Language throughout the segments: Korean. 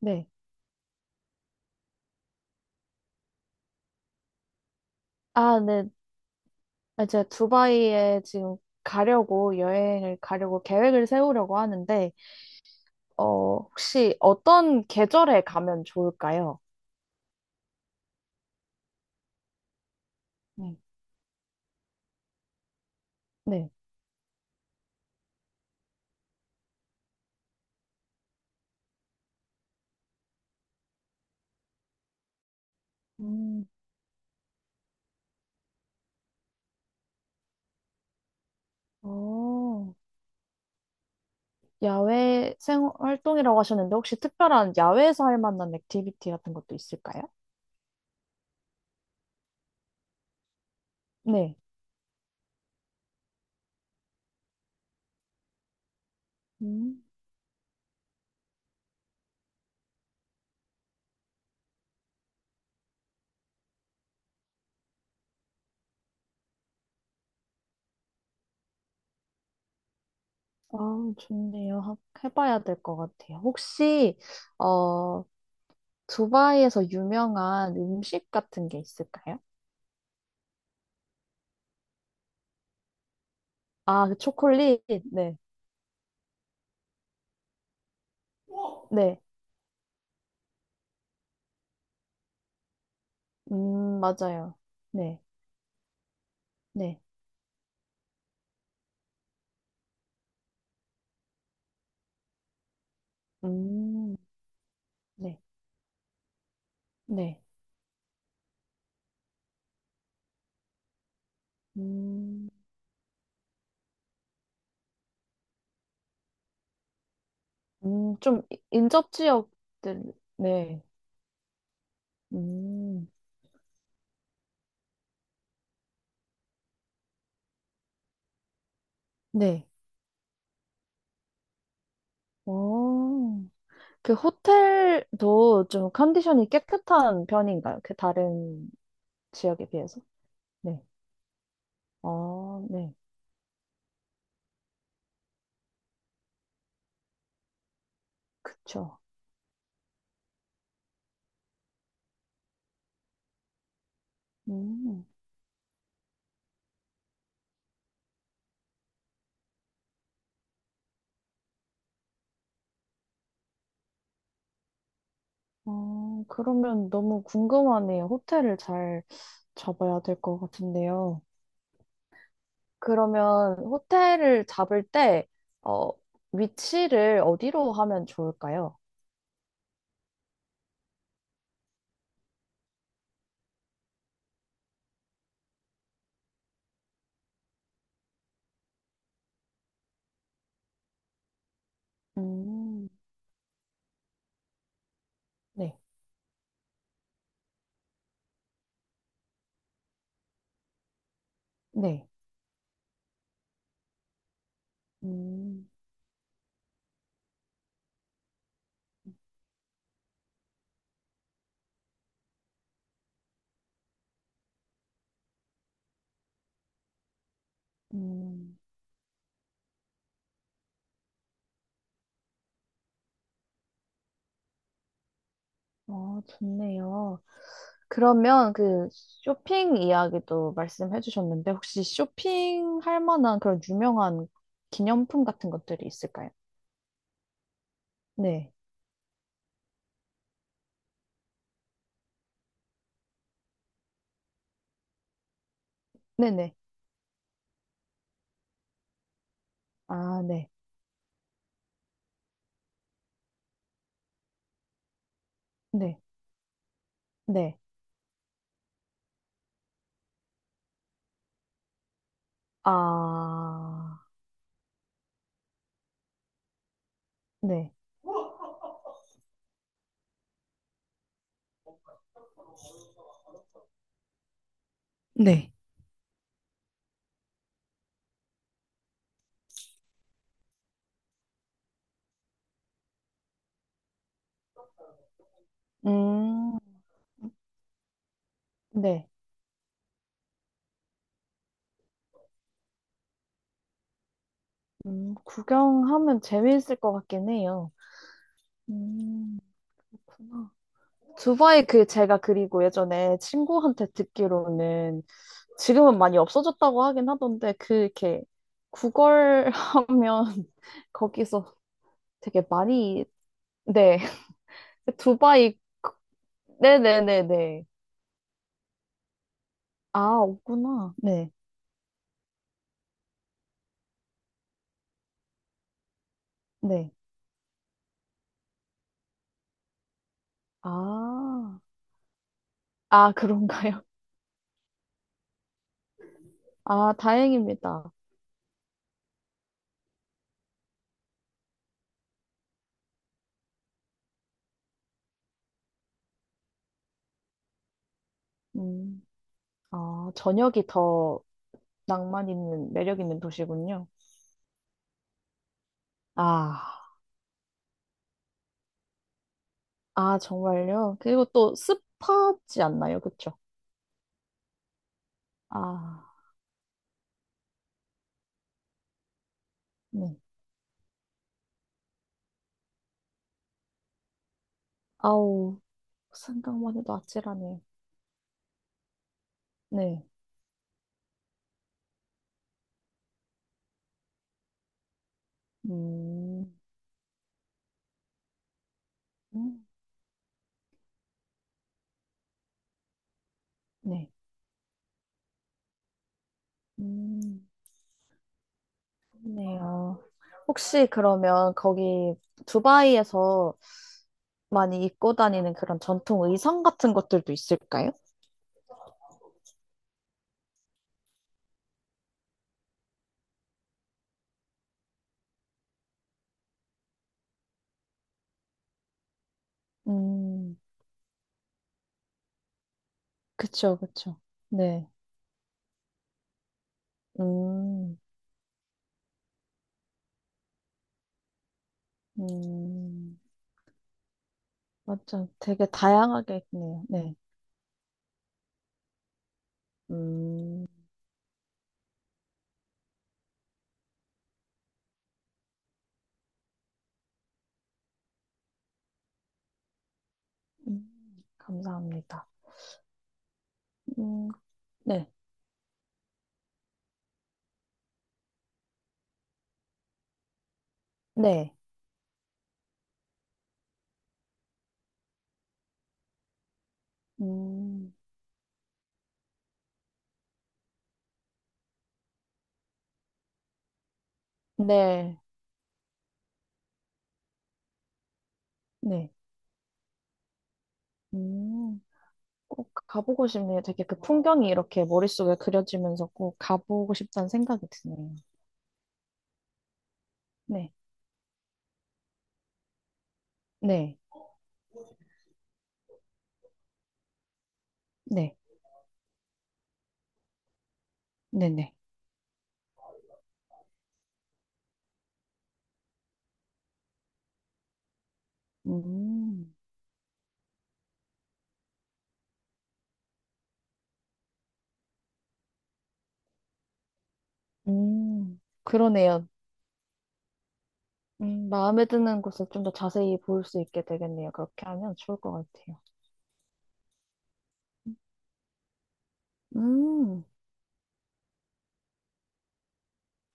네. 아, 네. 아, 제가 두바이에 지금 가려고 여행을 가려고 계획을 세우려고 하는데, 혹시 어떤 계절에 가면 좋을까요? 네. 네. 음, 어, 야외 생 활동이라고 하셨는데, 혹시 특별한 야외에서 할 만한 액티비티 같은 것도 있을까요? 네. 음, 아, 좋네요. 해봐야 될 것 같아요. 혹시, 어, 두바이에서 유명한 음식 같은 게 있을까요? 아, 그 초콜릿? 네. 네. 맞아요. 네. 네. 음, 네. 네. 음, 좀 인접 지역들, 네. 음, 네. 오. 그 호텔도 좀 컨디션이 깨끗한 편인가요? 그 다른 지역에 비해서? 네. 아, 네. 그쵸. 음, 어, 그러면 너무 궁금하네요. 호텔을 잘 잡아야 될 것 같은데요. 그러면 호텔을 잡을 때, 어, 위치를 어디로 하면 좋을까요? 음, 네. 네. 음, 음. 어, 좋네요. 그러면 그 쇼핑 이야기도 말씀해 주셨는데, 혹시 쇼핑할 만한 그런 유명한 기념품 같은 것들이 있을까요? 네. 네네. 아, 네. 네. 네. 아, 네. 네. 음, 네. 구경하면 재미있을 것 같긴 해요. 음, 그렇구나. 두바이 그 제가 그리고 예전에 친구한테 듣기로는 지금은 많이 없어졌다고 하긴 하던데 그 이렇게 구걸하면 거기서 되게 많이 네 두바이 네네네네 아 없구나 네네 아 아 그런가요? 아 다행입니다. 음, 아 저녁이 더 낭만 있는 매력 있는 도시군요. 아, 아, 정말요? 그리고 또 습하지 않나요? 그쵸? 아, 네. 아우, 생각만 해도 아찔하네요. 네. 음, 음, 네. 음, 좋네요. 혹시 그러면 거기 두바이에서 많이 입고 다니는 그런 전통 의상 같은 것들도 있을까요? 음, 그쵸, 그쵸. 네. 음, 음, 완전 되게 다양하게 있네요. 네. 음. 음, 감사합니다. 음, 네, 네, 음, 네, 네, 음, 꼭 가보고 싶네요. 되게 그 풍경이 이렇게 머릿속에 그려지면서 꼭 가보고 싶다는 생각이 드네요. 네, 네, 네, 네, 네, 음, 그러네요. 마음에 드는 곳을 좀 더 자세히 볼 수 있게 되겠네요. 그렇게 하면 좋을 것 같아요. 음,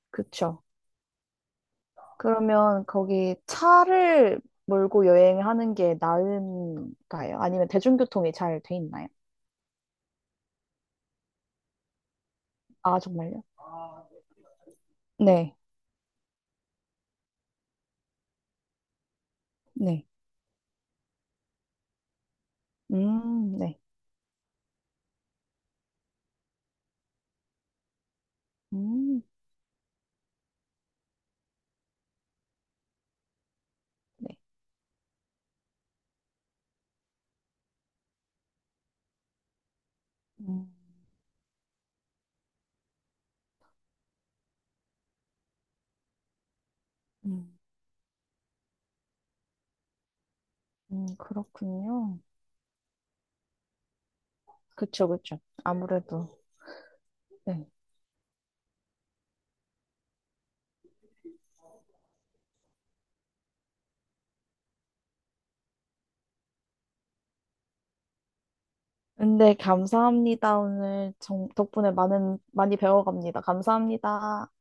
그쵸. 그러면 거기 차를 몰고 여행하는 게 나은가요? 아니면 대중교통이 잘 돼 있나요? 아, 정말요? 네, 네. 네. 음, 네. 음, 음, 그렇군요. 그쵸, 그쵸. 아무래도. 네. 근데 감사합니다. 오늘 정, 덕분에 많은, 많이 배워갑니다. 감사합니다.